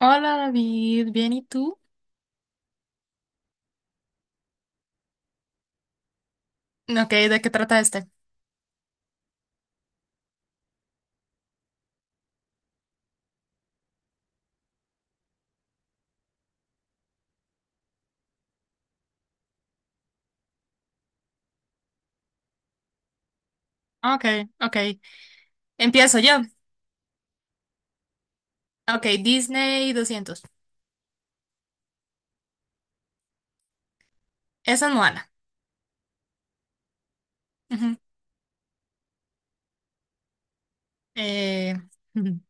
Hola David, ¿bien y tú? Ok, ¿de qué trata este? Ok, ok. Empiezo yo. Ok, Disney 200. Esa es Moana. Ujú. Eh, ujú.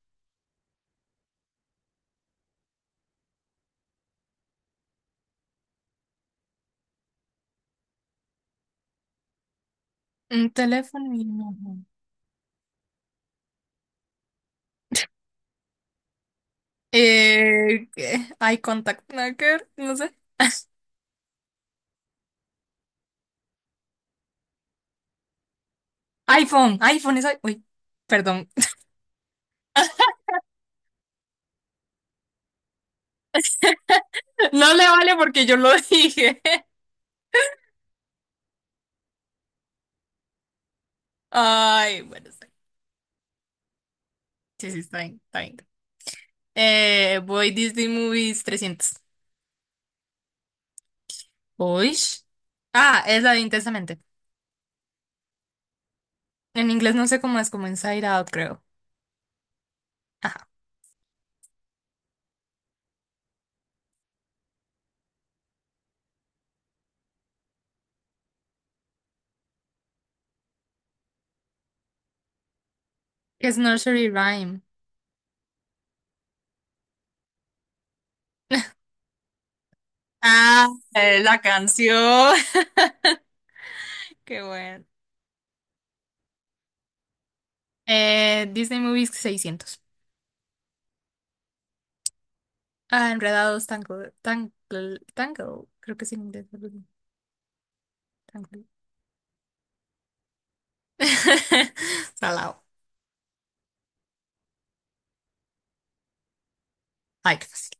Un teléfono y no. ¿Qué? Eye contact, nada que ver, no sé. iPhone, iPhone es. Uy, perdón. No le vale porque yo lo dije. Ay, bueno, está bien. Sí, sí, está bien, está bien. Voy Disney Movies 300. Uy. Ah, es la de Intensamente. En inglés no sé cómo es, como Inside Out, creo. Ajá. Es Nursery Rhyme. Ah, la canción. Qué bueno. Disney Movies 600. Ah, Enredados, Tangle, Tangle, Tangle. Creo que es en inglés, algo así. Tangle. Salado. Ay, qué fácil.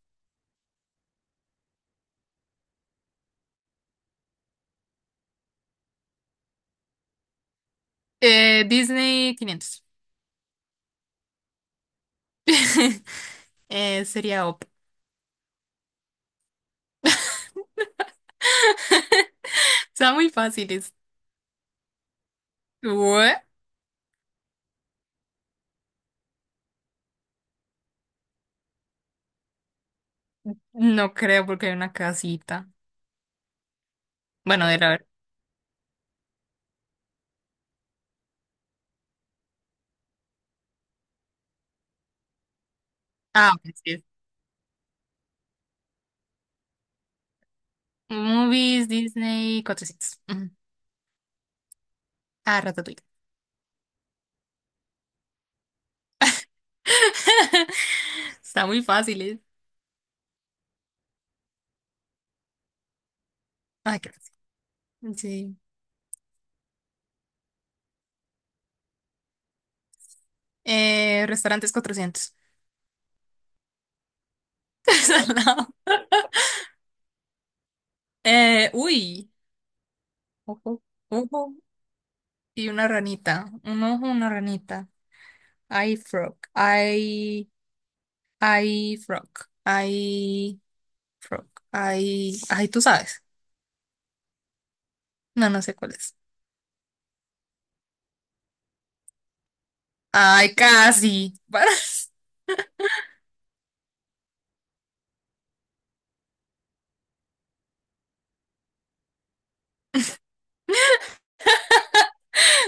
Disney 500. Sería OP. Está muy fácil. ¿What? No creo porque hay una casita. Bueno, de la ver. Ah, ok, sí. Movies, Disney, cotecitos. Ujú. Ah, Ratatouille. Está muy fácil, ¿eh? Ay, qué fácil. Sí. Restaurantes 400. Al lado. Uy. Ojo. Ojo. Y una ranita. Un ojo, una ranita. Hay frog. Hay. Hay frog. Hay frog. Hay. Ay, tú sabes. No, no sé cuál es. Ay, casi.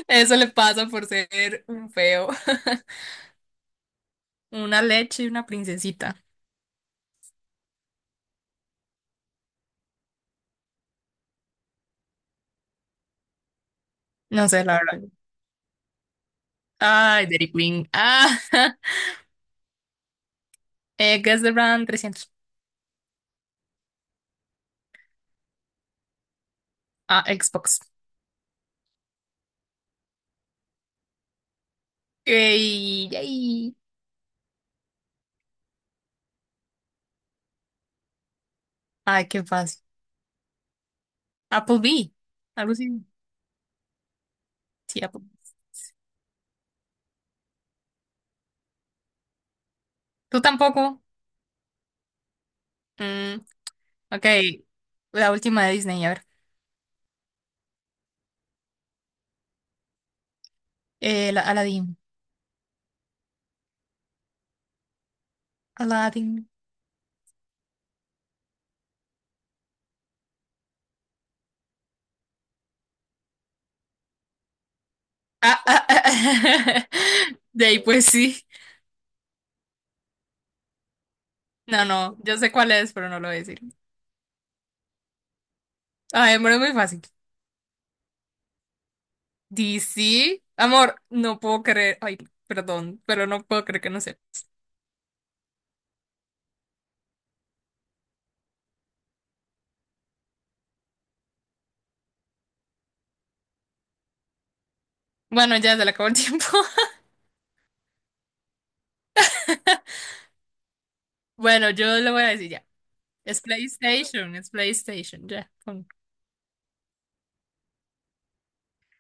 Eso le pasa por ser un feo. Una leche y una princesita. No sé, la verdad. Ay, Dairy Queen. Ah, Guess the Brand 300. Ah, Xbox. Ey, yay. Ay, qué fácil. Applebee. Algo así. Sí, Applebee. ¿Tú tampoco? Mm, ok. La última de Disney, a ver. La Aladdin. Aladdin. Ah, ah, ah. De ahí, pues sí. No, no. Yo sé cuál es, pero no lo voy a decir. Ay, pero es muy fácil. DC. Amor, no puedo creer. Ay, perdón, pero no puedo creer que no sé. Bueno, ya se le acabó el tiempo. Bueno, yo le voy a decir ya. Es PlayStation, ya, pon.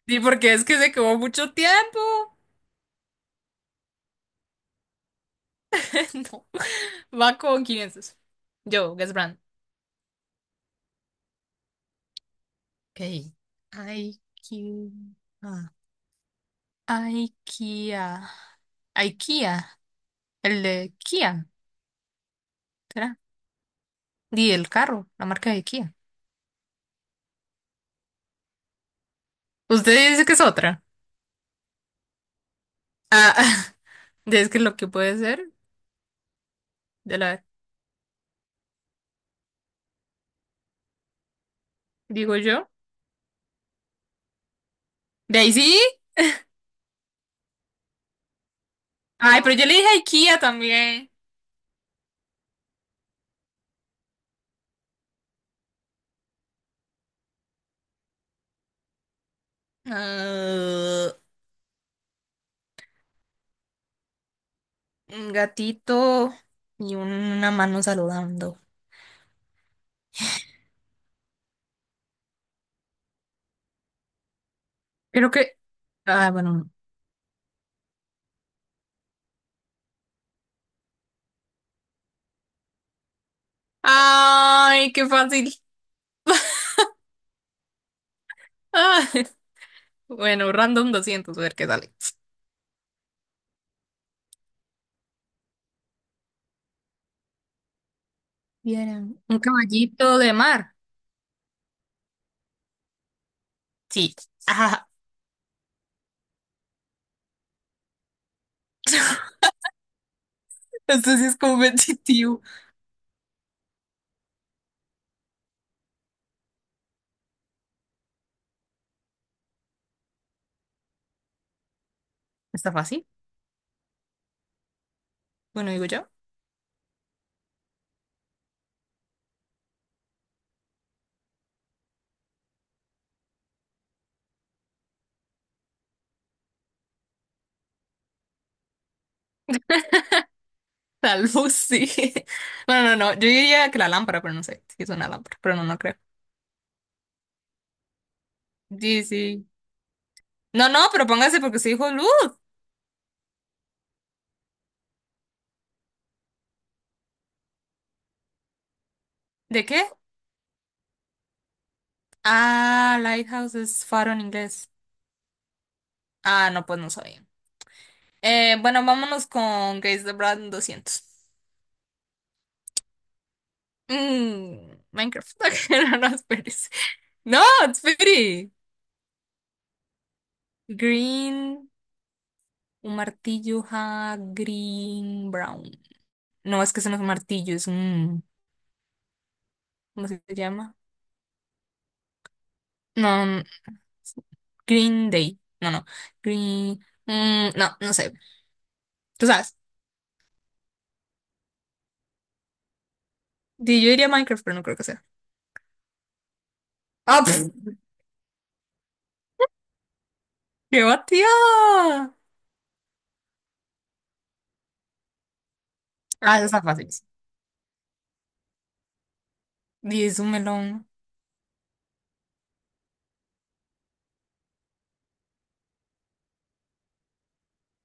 Sí, porque es que se quedó mucho tiempo. No. Va con quién es eso. Yo, Guess Brand. Ok. IQ. Ah, IKEA. IKEA. El de Kia. ¿Será? Y el carro, la marca de Kia. Usted dice que es otra. Ah, es que lo que puede ser, de la, digo yo. Daisy. Ay, pero yo le dije IKEA también. Ah, un gatito y una mano saludando. Creo que. Ah, bueno, no. Ay, qué fácil. Ah, bueno, random 200, a ver qué sale. Vieran. Un caballito de mar. Sí. Ajá. Esto sí es competitivo. ¿Está fácil? Bueno, digo yo. Tal vez sí. No, no, no. Yo diría que la lámpara, pero no sé si es una lámpara, pero no, no creo. Sí, sí. No, no, pero póngase porque se dijo luz. ¿De qué? Ah, lighthouse es faro en inglés. Ah, no, pues no sabía. Bueno, vámonos con Gaze the Brand 200. Mm, Minecraft. No, no, espérese. No, espere. Green, un martillo, ja, green, brown. No, es que eso no es un martillo, es un... ¿Cómo se llama? No. Green Day. No, no. Green. Mm, no, no sé. Tú sabes. Yo diría Minecraft, pero no creo que sea. ¡Ah! ¡Pf! ¡Qué batida! Ah, eso está fácil. Di, es un melón.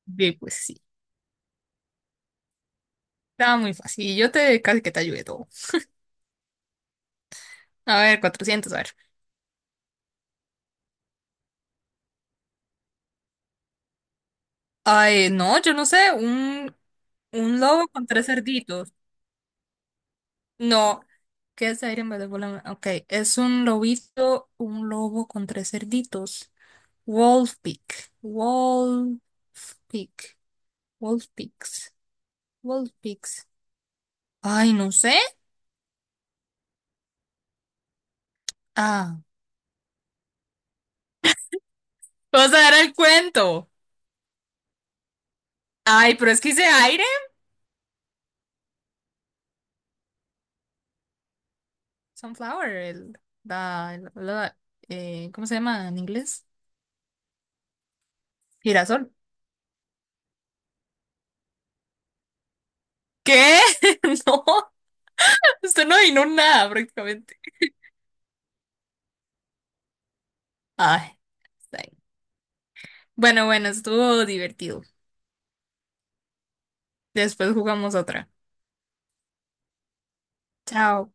Di, pues sí. Estaba muy fácil. Y yo te casi que te ayudé todo. A ver, 400, a ver. Ay, no, yo no sé. Un lobo con tres cerditos. No. ¿Qué es Iron Man? Ok, es un lobito, un lobo con tres cerditos. Wolfpick. Wolfpick. Wolfpix. Wolfpix. Ay, no sé. Ah. Vamos a dar el cuento. Ay, pero es que hice aire. Sunflower. El, la- la- ¿cómo se llama en inglés? Girasol. ¿Qué? No, usted no adivinó nada prácticamente. Ay, está bien. Bueno, bueno, estuvo divertido. Después jugamos otra. Chao.